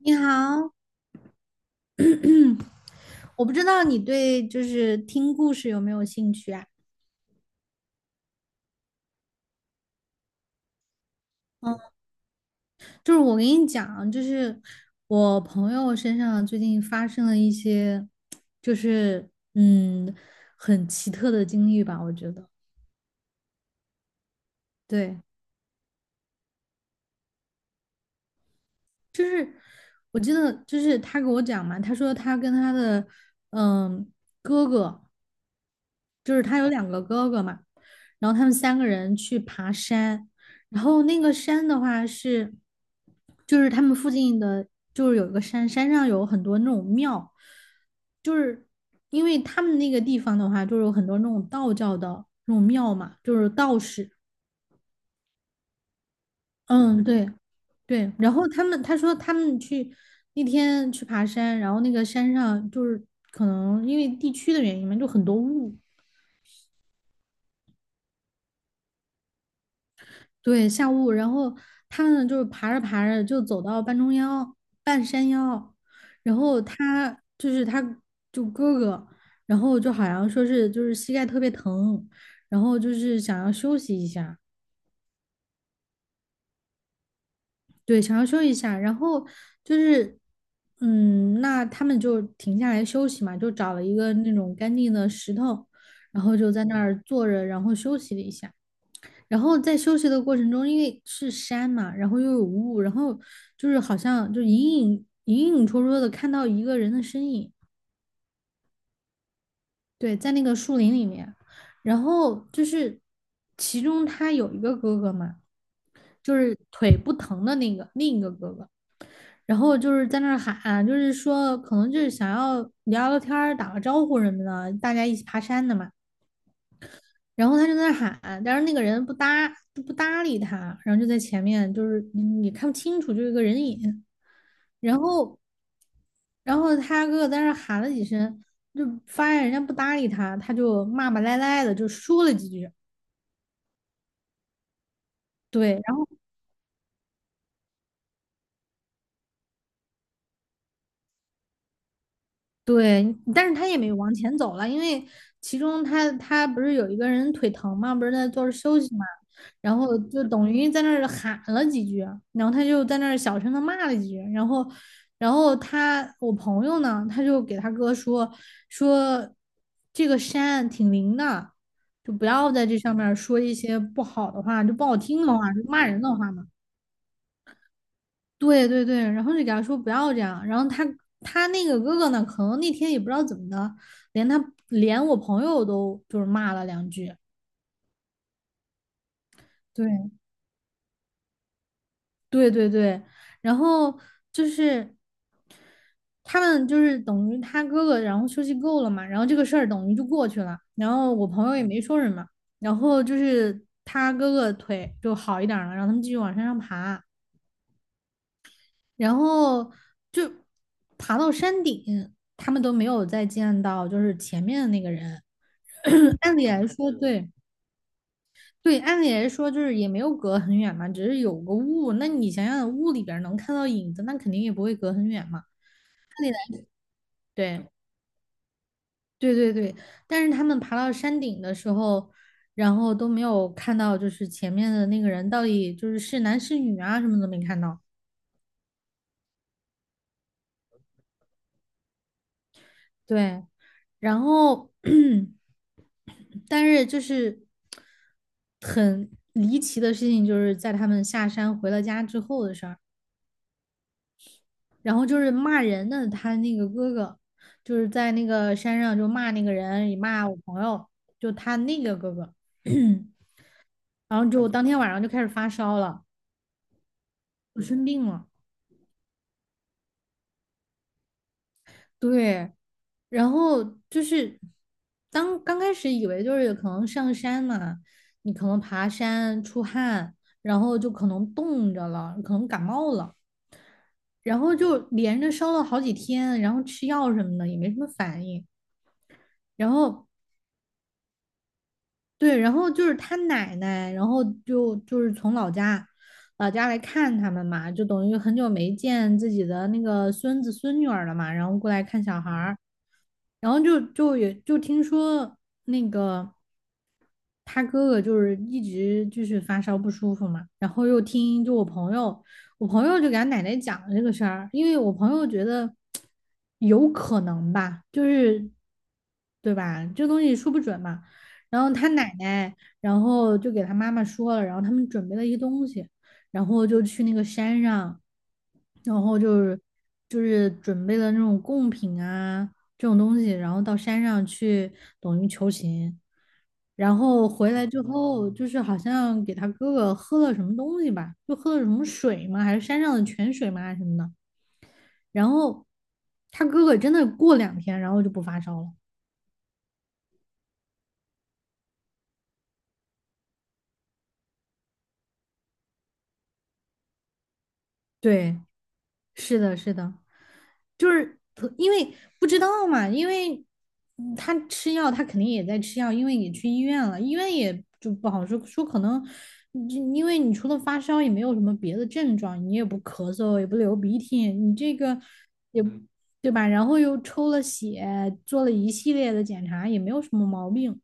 你好。嗯，我不知道你对就是听故事有没有兴趣啊？嗯，就是我跟你讲，就是我朋友身上最近发生了一些，就是很奇特的经历吧，我觉得。对，是我记得就是他给我讲嘛，他说他跟他的嗯哥哥，就是他有两个哥哥嘛，然后他们三个人去爬山，然后那个山的话是，就是他们附近的，就是有一个山，山上有很多那种庙，就是因为他们那个地方的话，就是有很多那种道教的那种庙嘛，就是道士，嗯，对对。然后他说他们去那天去爬山，然后那个山上就是可能因为地区的原因嘛，就很多雾。对，下雾，然后他呢，就是爬着爬着就走到半山腰，然后他就哥哥，然后就好像说是就是膝盖特别疼，然后就是想要休息一下。对，想要休息一下，然后就是那他们就停下来休息嘛，就找了一个那种干净的石头，然后就在那儿坐着，然后休息了一下。然后在休息的过程中，因为是山嘛，然后又有雾，然后就是好像就隐隐绰绰的看到一个人的身影。对，在那个树林里面。然后就是其中他有一个哥哥嘛，就是腿不疼的那个另一个哥哥，然后就是在那儿喊，就是说可能就是想要聊聊天儿打个招呼什么的，大家一起爬山的嘛。然后他就在那喊，但是那个人不搭理他，然后就在前面，就是你看不清楚，就是一个人影。然后，然后他哥哥在那喊了几声，就发现人家不搭理他，他就骂骂咧咧的就说了几句。对，对，但是他也没往前走了，因为其中他不是有一个人腿疼嘛，不是在坐着休息嘛，然后就等于在那儿喊了几句，然后他就在那儿小声的骂了几句，然后我朋友呢，他就给他哥说这个山挺灵的，就不要在这上面儿说一些不好的话，就不好听的话，就骂人的话嘛。对对对，然后就给他说不要这样，然后他那个哥哥呢，可能那天也不知道怎么的，连他连我朋友都就是骂了两句。对对对对，然后就是他们就是等于他哥哥，然后休息够了嘛，然后这个事儿等于就过去了，然后我朋友也没说什么，然后就是他哥哥腿就好一点儿了，让他们继续往山上爬，然后就爬到山顶。他们都没有再见到就是前面的那个人。按理来说，对对，按理来说就是也没有隔很远嘛，只是有个雾。那你想想，雾里边能看到影子，那肯定也不会隔很远嘛。按理来，对对对对。但是他们爬到山顶的时候，然后都没有看到，就是前面的那个人到底就是是男是女啊，什么都没看到。对，然后 但是就是很离奇的事情，就是在他们下山回了家之后的事儿。然后就是骂人的他那个哥哥，就是在那个山上就骂那个人，也骂我朋友，就他那个哥哥，然后就当天晚上就开始发烧了，就生病了。对，然后就是当刚开始以为就是可能上山嘛，你可能爬山出汗，然后就可能冻着了，可能感冒了。然后就连着烧了好几天，然后吃药什么的也没什么反应。然后对，然后就是他奶奶，然后就是从老家来看他们嘛，就等于很久没见自己的那个孙子孙女儿了嘛，然后过来看小孩儿，然后就也就听说那个他哥哥就是一直就是发烧不舒服嘛，然后又听就我朋友，我朋友就给他奶奶讲了这个事儿，因为我朋友觉得有可能吧。就是对吧？这东西说不准嘛。然后他奶奶，然后就给他妈妈说了，然后他们准备了一些东西，然后就去那个山上，然后就是准备了那种贡品啊这种东西，然后到山上去等于求情。然后回来之后，就是好像给他哥哥喝了什么东西吧，就喝了什么水嘛，还是山上的泉水嘛还是什么的？然后他哥哥真的过两天，然后就不发烧了。对，是的，是的，就是特因为不知道嘛。因为他吃药，他肯定也在吃药，因为也去医院了，医院也就不好说，说可能因为你除了发烧也没有什么别的症状，你也不咳嗽，也不流鼻涕，你这个对吧？然后又抽了血，做了一系列的检查，也没有什么毛病。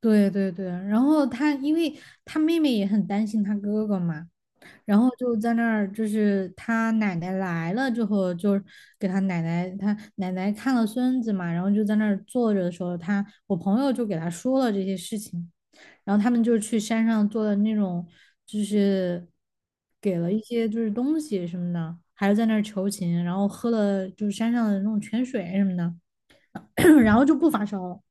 对对对，然后他因为他妹妹也很担心他哥哥嘛，然后就在那儿，就是他奶奶来了之后，就给他奶奶，他奶奶看了孙子嘛，然后就在那儿坐着的时候，我朋友就给他说了这些事情。然后他们就是去山上做的那种，就是给了一些就是东西什么的，还是在那儿求情，然后喝了就是山上的那种泉水什么的，然后就不发烧了。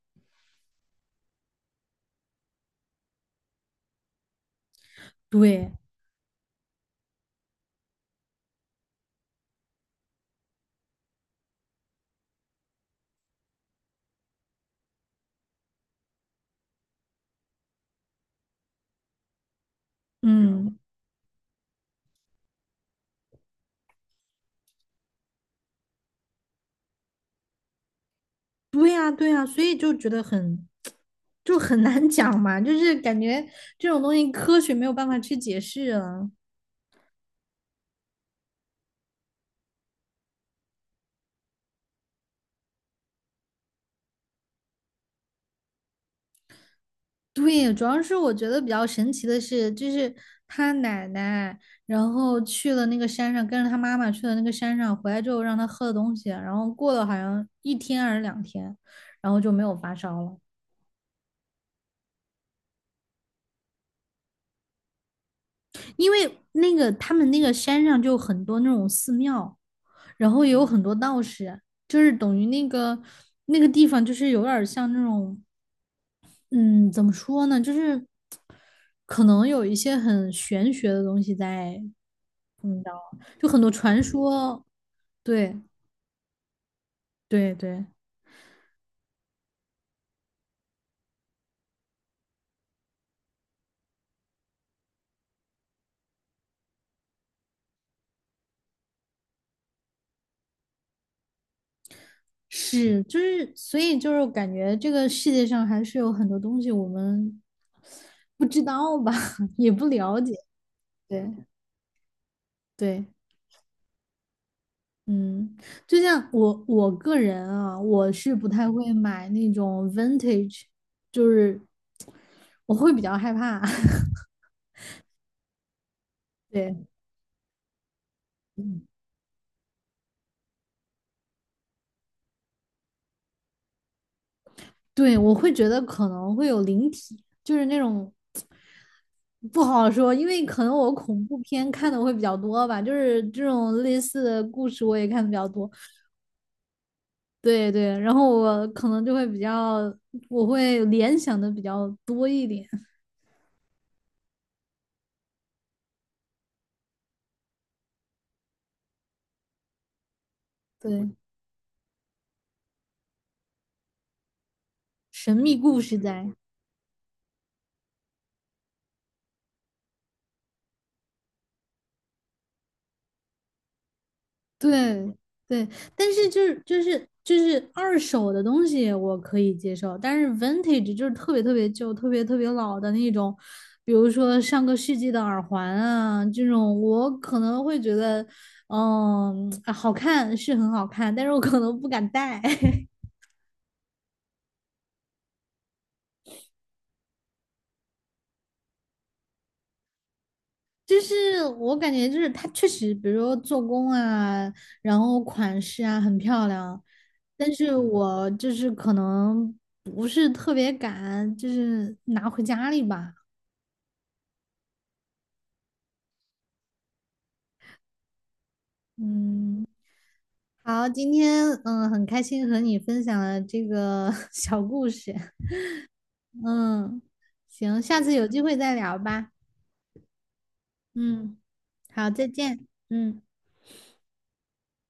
对，嗯，对呀，对呀，所以就觉得很难讲嘛，就是感觉这种东西科学没有办法去解释啊。对，主要是我觉得比较神奇的是，就是他奶奶，然后去了那个山上，跟着他妈妈去了那个山上，回来之后让他喝的东西，然后过了好像一天还是两天，然后就没有发烧了。因为那个他们那个山上就很多那种寺庙，然后也有很多道士，就是等于那个地方就是有点儿像那种，嗯，怎么说呢，就是可能有一些很玄学的东西在就很多传说，对对对，是，就是所以就是感觉这个世界上还是有很多东西我们不知道吧，也不了解。对对，嗯，就像我个人啊，我是不太会买那种 vintage，就是我会比较害怕。对。对，我会觉得可能会有灵体，就是那种不好说，因为可能我恐怖片看的会比较多吧，就是这种类似的故事我也看的比较多。对对，然后我可能就会比较，我会联想的比较多一点。对，神秘故事在。对对，但是就是二手的东西我可以接受，但是 vintage 就是特别特别旧、特别特别老的那种，比如说上个世纪的耳环啊，这种我可能会觉得，好看是很好看，但是我可能不敢戴。就是我感觉就是它确实，比如说做工啊，然后款式啊很漂亮，但是我就是可能不是特别敢，就是拿回家里吧。嗯，好，今天很开心和你分享了这个 小故事。嗯，行，下次有机会再聊吧。嗯，好，再见。嗯。